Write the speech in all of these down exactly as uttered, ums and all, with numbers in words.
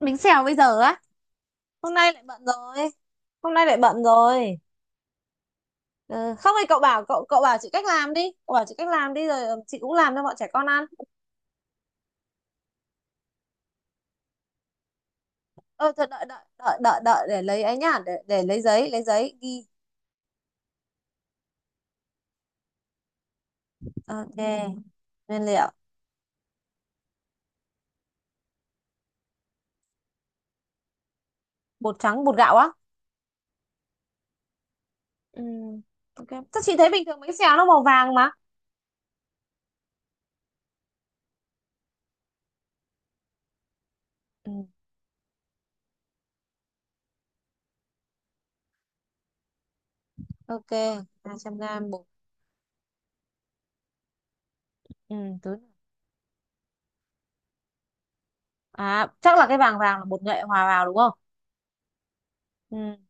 Bánh xèo bây giờ á? Hôm nay lại bận rồi. Hôm nay lại bận rồi. Ừ. Không thì cậu bảo cậu cậu bảo chị cách làm đi cậu bảo chị cách làm đi rồi ờ, chị cũng làm cho bọn trẻ con ăn. Ờ thật, đợi đợi đợi đợi đợi để lấy ấy nhá, để để lấy giấy lấy giấy ghi. Ok. Nguyên liệu. Bột trắng, bột gạo á? Ừ, ok. Chắc chị thấy bình thường bánh xèo nó màu vàng mà. Ừ, ok. hai trăm gram bột. Ừ. Thứ- à, chắc là cái vàng vàng là bột nghệ hòa vào đúng không? Ừ.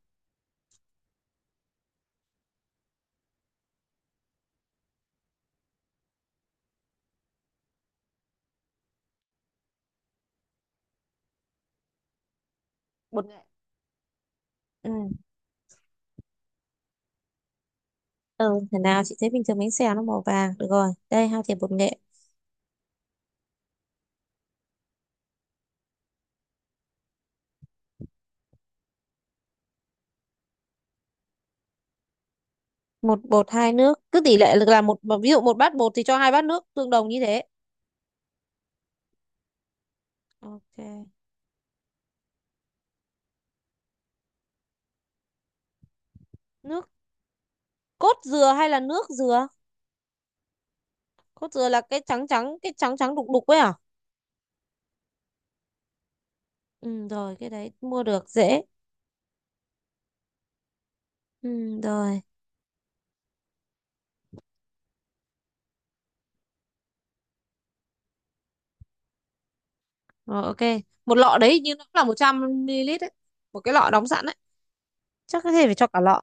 Bột nghệ. Ừ. Ừ, thế nào chị thấy bình thường bánh xèo nó màu vàng. Được rồi, đây hai thìa bột nghệ. Một bột hai nước. Cứ tỷ lệ là một, ví dụ một bát bột thì cho hai bát nước tương đồng như thế. Ok. Nước cốt dừa hay là nước dừa? Cốt dừa là cái trắng trắng, cái trắng trắng đục đục ấy à? Ừ rồi, cái đấy mua được dễ. Ừ rồi. Rồi ok. Một lọ đấy như nó cũng là một trăm mi li lít đấy. Một cái lọ đóng sẵn đấy. Chắc có thể phải cho cả lọ.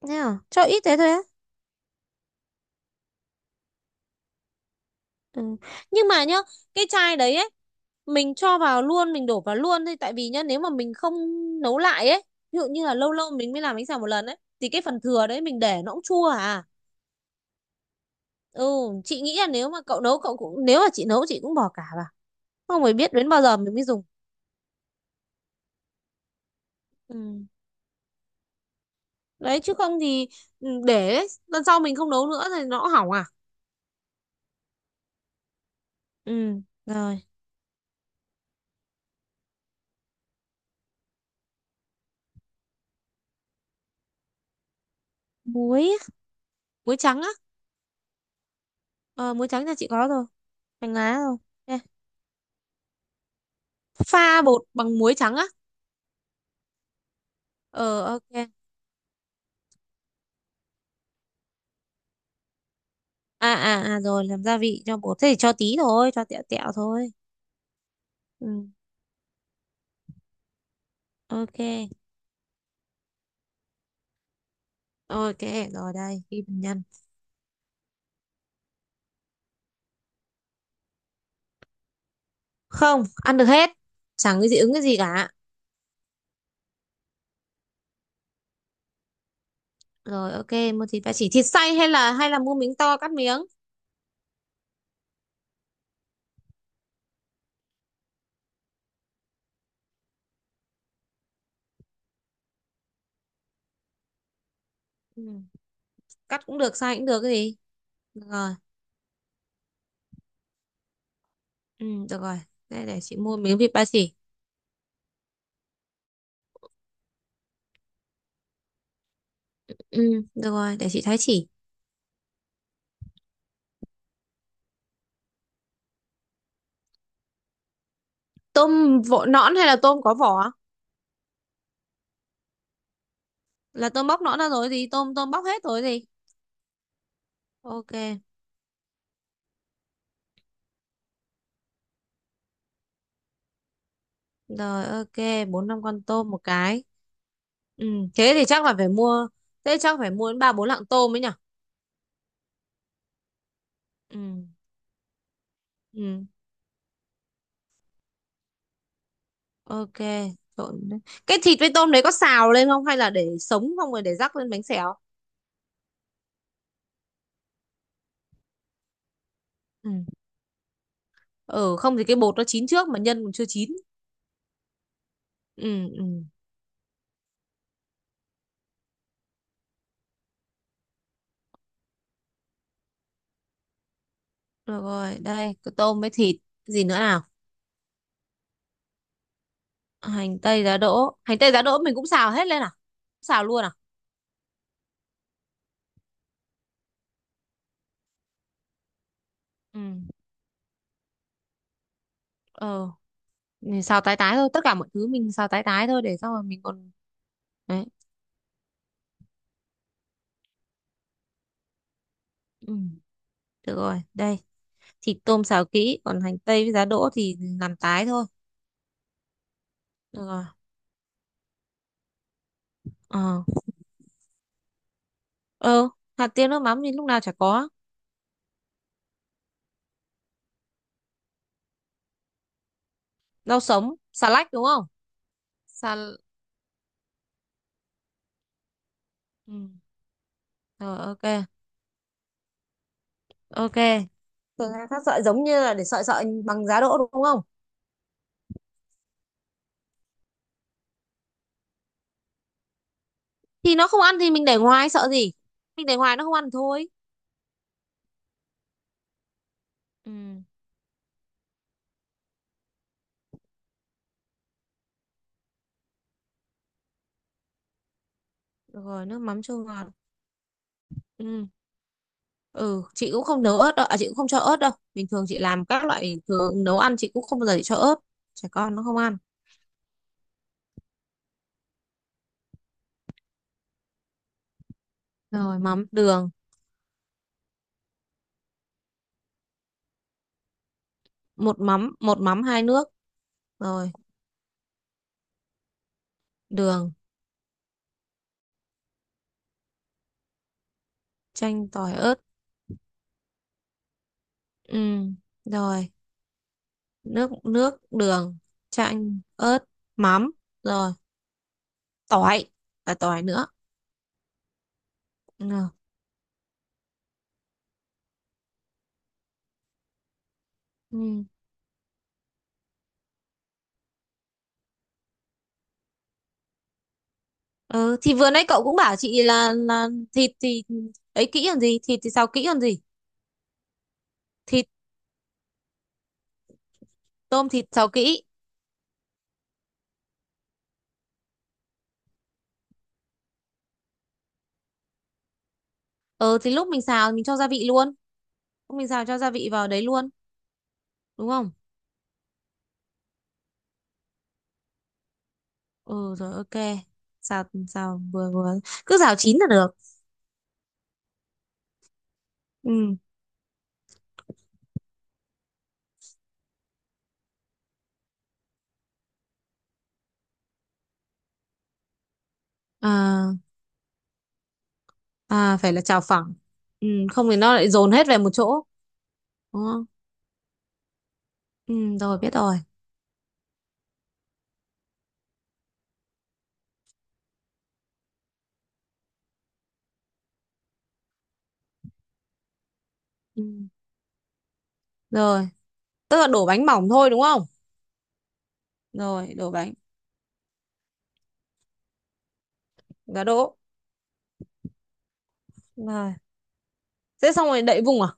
Nhá? Cho ít thế thôi á? Ừ. Nhưng mà nhá, cái chai đấy ấy, mình cho vào luôn, mình đổ vào luôn thôi, tại vì nhá, nếu mà mình không nấu lại ấy, ví dụ như là lâu lâu mình mới làm bánh xèo một lần ấy thì cái phần thừa đấy mình để nó cũng chua à. Ừ, chị nghĩ là nếu mà cậu nấu cậu cũng, nếu mà chị nấu chị cũng bỏ cả vào. Không phải biết đến bao giờ mình mới dùng. Ừ. Đấy chứ không thì ừ, để đấy, lần sau mình không nấu nữa thì nó hỏng à. Ừ, rồi. Muối, á, muối trắng á. Ờ, muối trắng nhà chị có rồi. Hành lá rồi. Ok. Pha bột bằng muối trắng á. Ờ ok. à à à rồi, làm gia vị cho bột, thế thì cho tí thôi, cho tẹo tẹo thôi. Ừ. Ok, ok. Rồi đây ghi bằng nhân. Không, ăn được hết. Chẳng cái gì ứng cái gì cả. Rồi ok, mua thịt ba chỉ, thịt xay hay là hay là mua miếng to cắt miếng? Ừ, cắt cũng được, xay cũng được, cái gì. Được rồi. Ừ, được rồi. Đây, để chị mua miếng thịt ba chỉ. Ừ, được rồi, để chị thái chỉ. Tôm vỏ nõn hay là tôm có vỏ? Là tôm bóc nõn ra rồi gì, tôm tôm bóc hết rồi gì. Ok. Rồi ok, bốn năm con tôm một cái. Ừ, thế thì chắc là phải mua, thế chắc phải mua đến ba bốn lạng tôm ấy nhỉ? Ừ, ừ, ok. Trộn, đấy. Cái thịt với tôm đấy có xào lên không hay là để sống không rồi để rắc lên bánh xèo? Ừ. Ừ, không thì cái bột nó chín trước mà nhân còn chưa chín. Ừ, ừ. Được rồi, đây, có tôm với thịt, gì nữa nào? Hành tây giá đỗ, hành tây giá đỗ mình cũng xào hết lên à? Xào luôn à? Ừ. Ờ, mình xào tái tái thôi, tất cả mọi thứ mình xào tái tái thôi để xong rồi mình còn. Đấy. Ừ, được rồi, đây, thịt tôm xào kỹ, còn hành tây với giá đỗ thì làm tái thôi. Được rồi. Ờ, ờ, hạt tiêu nước mắm thì lúc nào chả có. Rau sống, xà lách đúng không? Xà... Ừ. Rồi, ok, ok. Thường là các sợi giống như là để sợi sợi bằng giá đỗ đúng không? Thì nó không ăn thì mình để ngoài, sợ gì? Mình để ngoài nó không ăn thì thôi. Ừ, được rồi, nước mắm chua ngọt. Ừ, ừ, chị cũng không nấu ớt đâu, à, chị cũng không cho ớt đâu. Bình thường chị làm các loại thường nấu ăn chị cũng không bao giờ chị cho ớt. Trẻ con nó không ăn. Rồi, mắm đường. Một mắm một mắm hai nước. Rồi. Đường. Chanh, tỏi, ớt. Ừ. Rồi. Nước nước đường, chanh, ớt, mắm. Rồi. Tỏi. Và tỏi nữa. Ừ. Ừ. Ừ. Thì vừa nãy cậu cũng bảo chị là là thịt thì ấy kỹ còn gì thịt thì xào kỹ còn gì. Thịt. Tôm, thịt xào kỹ. Ừ, thì lúc mình xào mình cho gia vị luôn. Lúc mình xào cho gia vị vào đấy luôn. Đúng không? Ừ rồi, ok. Xào xào vừa vừa, cứ xào chín là được. Ừ. à à, phải là chào phẳng. Ừ, không thì nó lại dồn hết về một chỗ. Đúng không? Ừ, rồi, biết rồi. Ừ, rồi. Tức là đổ bánh mỏng thôi đúng không? Rồi, đổ bánh. Giá đỗ. Rồi thế xong rồi đậy vung à?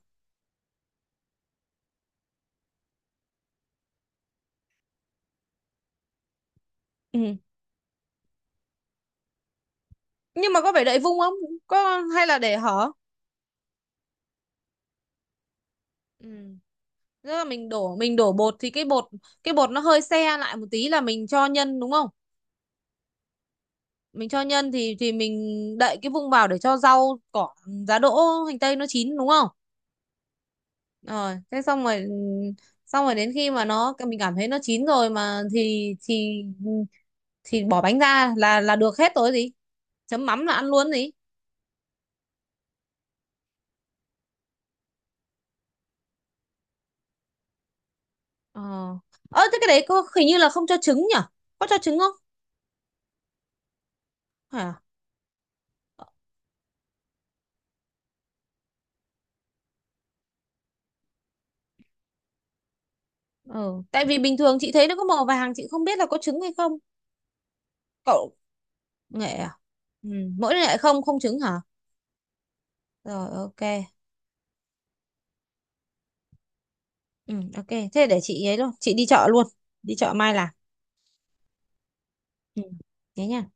Ừ. Nhưng mà có phải đậy vung không, có hay là để hở? Ừ. Tức là mình đổ mình đổ bột thì cái bột cái bột nó hơi se lại một tí là mình cho nhân đúng không? Mình cho nhân thì thì mình đậy cái vung vào để cho rau cỏ, giá đỗ, hành tây nó chín đúng không? Rồi thế xong rồi, ừ, xong rồi đến khi mà nó mình cảm thấy nó chín rồi mà thì thì ừ, thì bỏ bánh ra là là được hết rồi gì, chấm mắm là ăn luôn gì. Ờ. Ờ, thế cái đấy có, hình như là không cho trứng nhở? Có cho trứng không? Hả? Ờ, tại vì bình thường chị thấy nó có màu vàng, chị không biết là có trứng hay không. Cậu. Nghệ à? Ừ. Mỗi nghệ, không, không trứng hả? Rồi, ok. Ừ, ok, thế để chị ấy luôn, chị đi chợ luôn. Đi chợ mai làm. Ừ. Thế nha.